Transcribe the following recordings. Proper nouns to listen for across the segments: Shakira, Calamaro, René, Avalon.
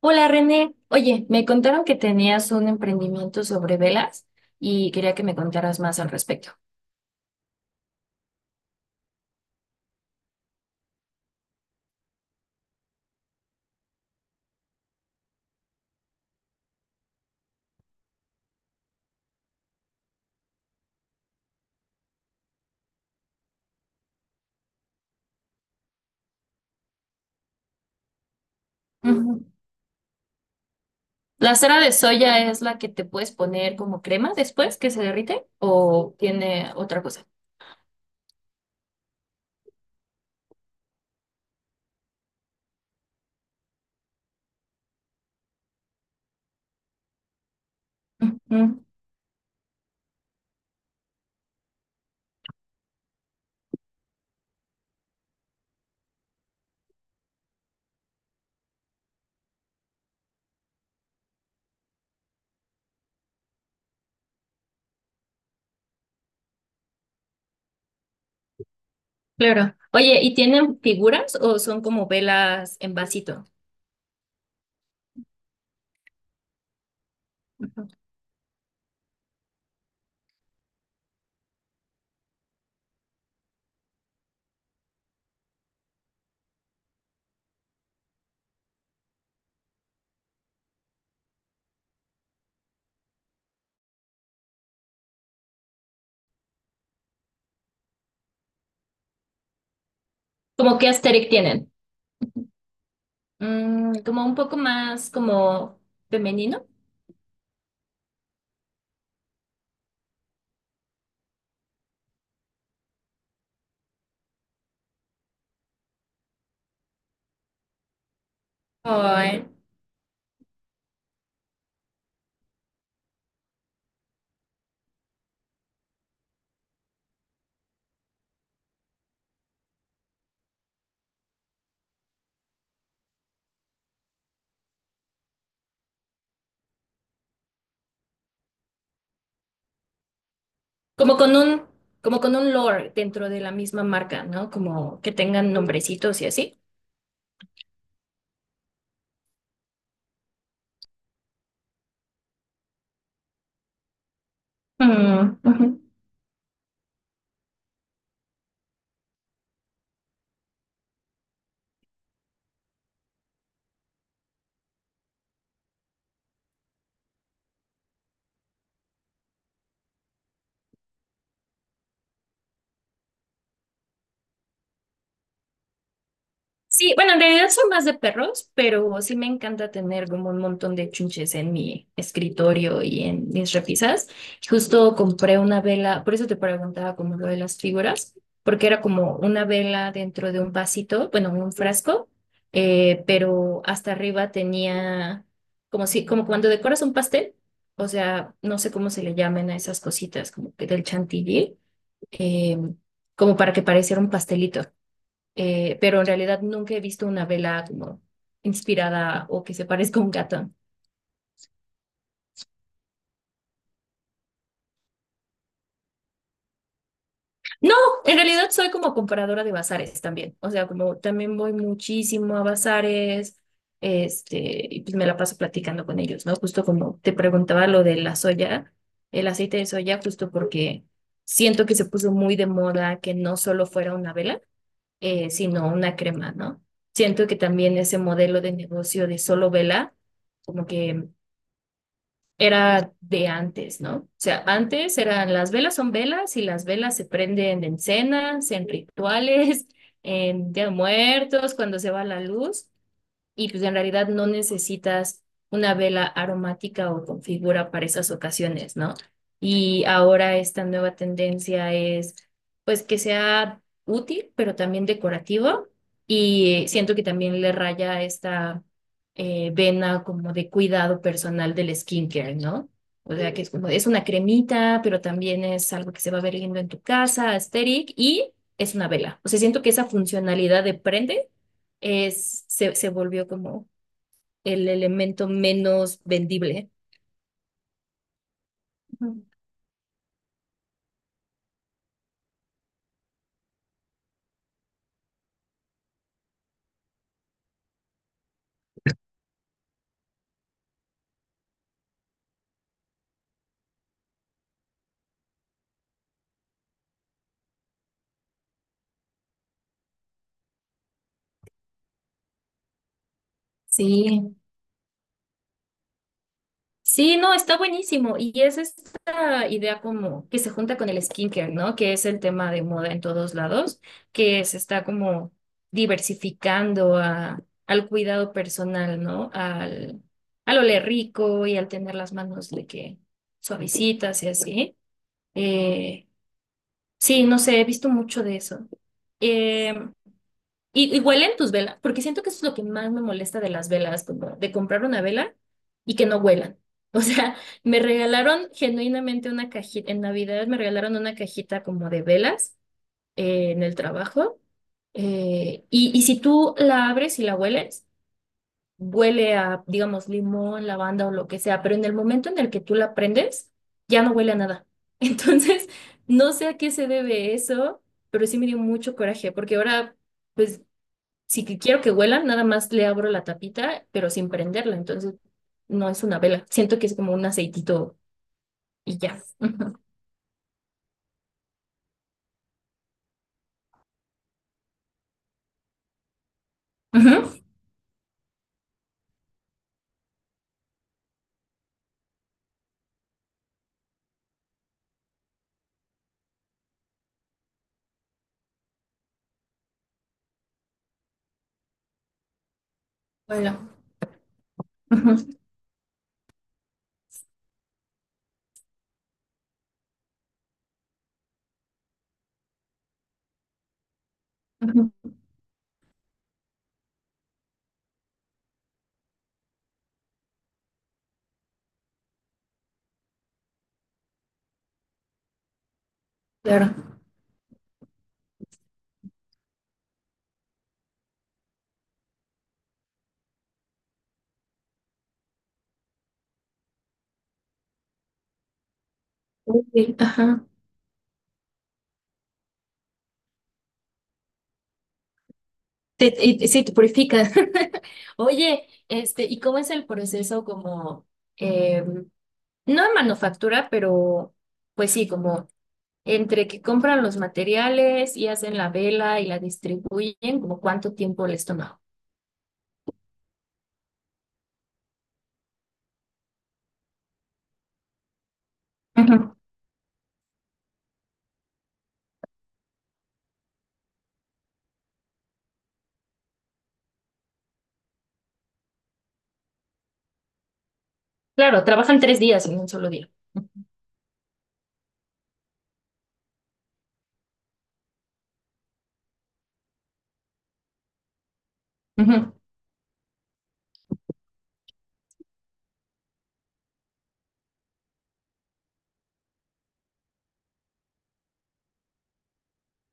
Hola René, oye, me contaron que tenías un emprendimiento sobre velas y quería que me contaras más al respecto. Ujú. ¿La cera de soya es la que te puedes poner como crema después que se derrite o tiene otra cosa? Ujú. Claro. Oye, ¿y tienen figuras o son como velas en vasito? ¿Cómo qué aesthetic tienen? Como un poco más como femenino. Ay. Como con un, como con un lore dentro de la misma marca, ¿no? Como que tengan nombrecitos y así. Mm, ujú. Sí, bueno, en realidad son más de perros, pero sí me encanta tener como un montón de chunches en mi escritorio y en mis repisas. Justo compré una vela, por eso te preguntaba como lo de las figuras, porque era como una vela dentro de un vasito, bueno, un frasco, pero hasta arriba tenía como si, como cuando decoras un pastel, o sea, no sé cómo se le llaman a esas cositas, como que del chantilly, eh, como para que pareciera un pastelito pero en realidad nunca he visto una vela como inspirada o que se parezca a un gato. No, en realidad soy como comparadora de bazares también, o sea, como también voy muchísimo a bazares, y pues me la paso platicando con ellos, ¿no? Justo como te preguntaba lo de la soya, el aceite de soya, justo porque siento que se puso muy de moda que no solo fuera una vela, sino una crema, ¿no? Siento que también ese modelo de negocio de solo vela, como que era de antes, ¿no? O sea, antes eran las velas son velas y las velas se prenden en cenas, en rituales, en Día de Muertos, cuando se va la luz y pues en realidad no necesitas una vela aromática o con figura para esas ocasiones, ¿no? Y ahora esta nueva tendencia es pues que sea útil, pero también decorativo y siento que también le raya esta vena como de cuidado personal del skincare, ¿no? O sea, que es como, es una cremita, pero también es algo que se va a ver lindo en tu casa, aesthetic, y es una vela. O sea, siento que esa funcionalidad de prende se volvió como el elemento menos vendible. Ujú. Sí, sí, no, está buenísimo. Y es esta idea como que se junta con el skincare, ¿no? Que es el tema de moda en todos lados, que se está como diversificando al cuidado personal, ¿no? Al oler rico y al tener las manos de que suavecitas y así. Eh, sí, no sé, he visto mucho de eso. Em, y huelen tus velas, porque siento que eso es lo que más me molesta de las velas, como de comprar una vela y que no huelan. O sea, me regalaron genuinamente una cajita, en Navidad me regalaron una cajita como de velas en el trabajo. Y si tú la abres y la hueles, huele a, digamos, limón, lavanda o lo que sea, pero en el momento en el que tú la prendes, ya no huele a nada. Entonces, no sé a qué se debe eso, pero sí me dio mucho coraje, porque ahora pues si que quiero que huelan, nada más le abro la tapita, pero sin prenderla. Entonces, no es una vela. Siento que es como un aceitito y ya. Ujú. Ujú. Bueno. Ujú. Ujú. Claro. Uy. Ajá. Sí, te purifica. Oye, ¿y cómo es el proceso como, eh, no de manufactura, pero pues sí, como entre que compran los materiales y hacen la vela y la distribuyen, como cuánto tiempo les toma? Claro, trabajan 3 días en un solo día. Ujú.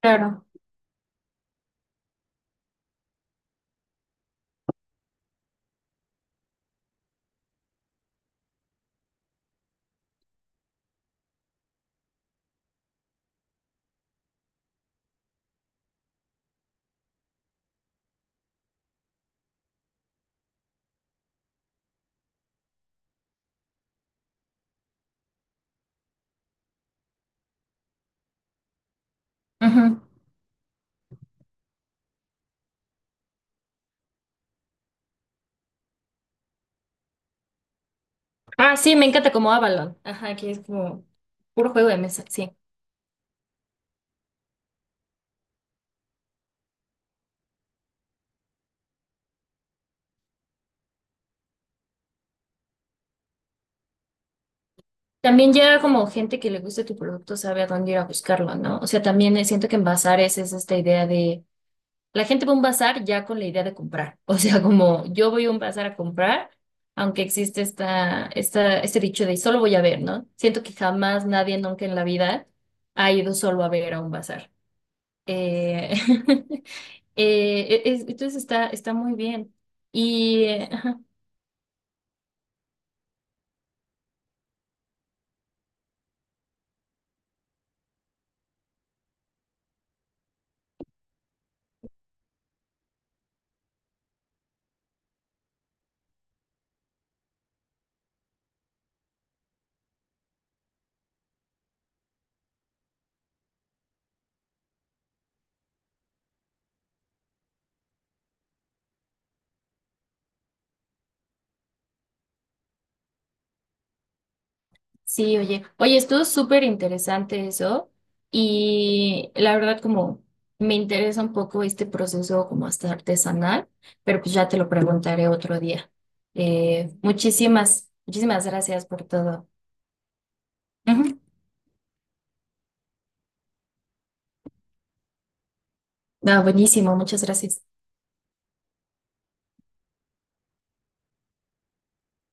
Claro. Ujú. Ah, sí, me encanta como Avalon. Ajá, que es como puro juego de mesa, sí. También ya como gente que le guste tu producto sabe a dónde ir a buscarlo, ¿no? O sea, también siento que en bazares es esta idea de... La gente va a un bazar ya con la idea de comprar. O sea, como yo voy a un bazar a comprar, aunque existe este dicho de solo voy a ver, ¿no? Siento que jamás nadie nunca en la vida ha ido solo a ver a un bazar. Eh, entonces está muy bien. Y ajá, sí, oye, oye, estuvo súper interesante eso. Y la verdad, como me interesa un poco este proceso como hasta artesanal, pero pues ya te lo preguntaré otro día. Muchísimas, muchísimas gracias por todo. Ujú. Ah, buenísimo, muchas gracias.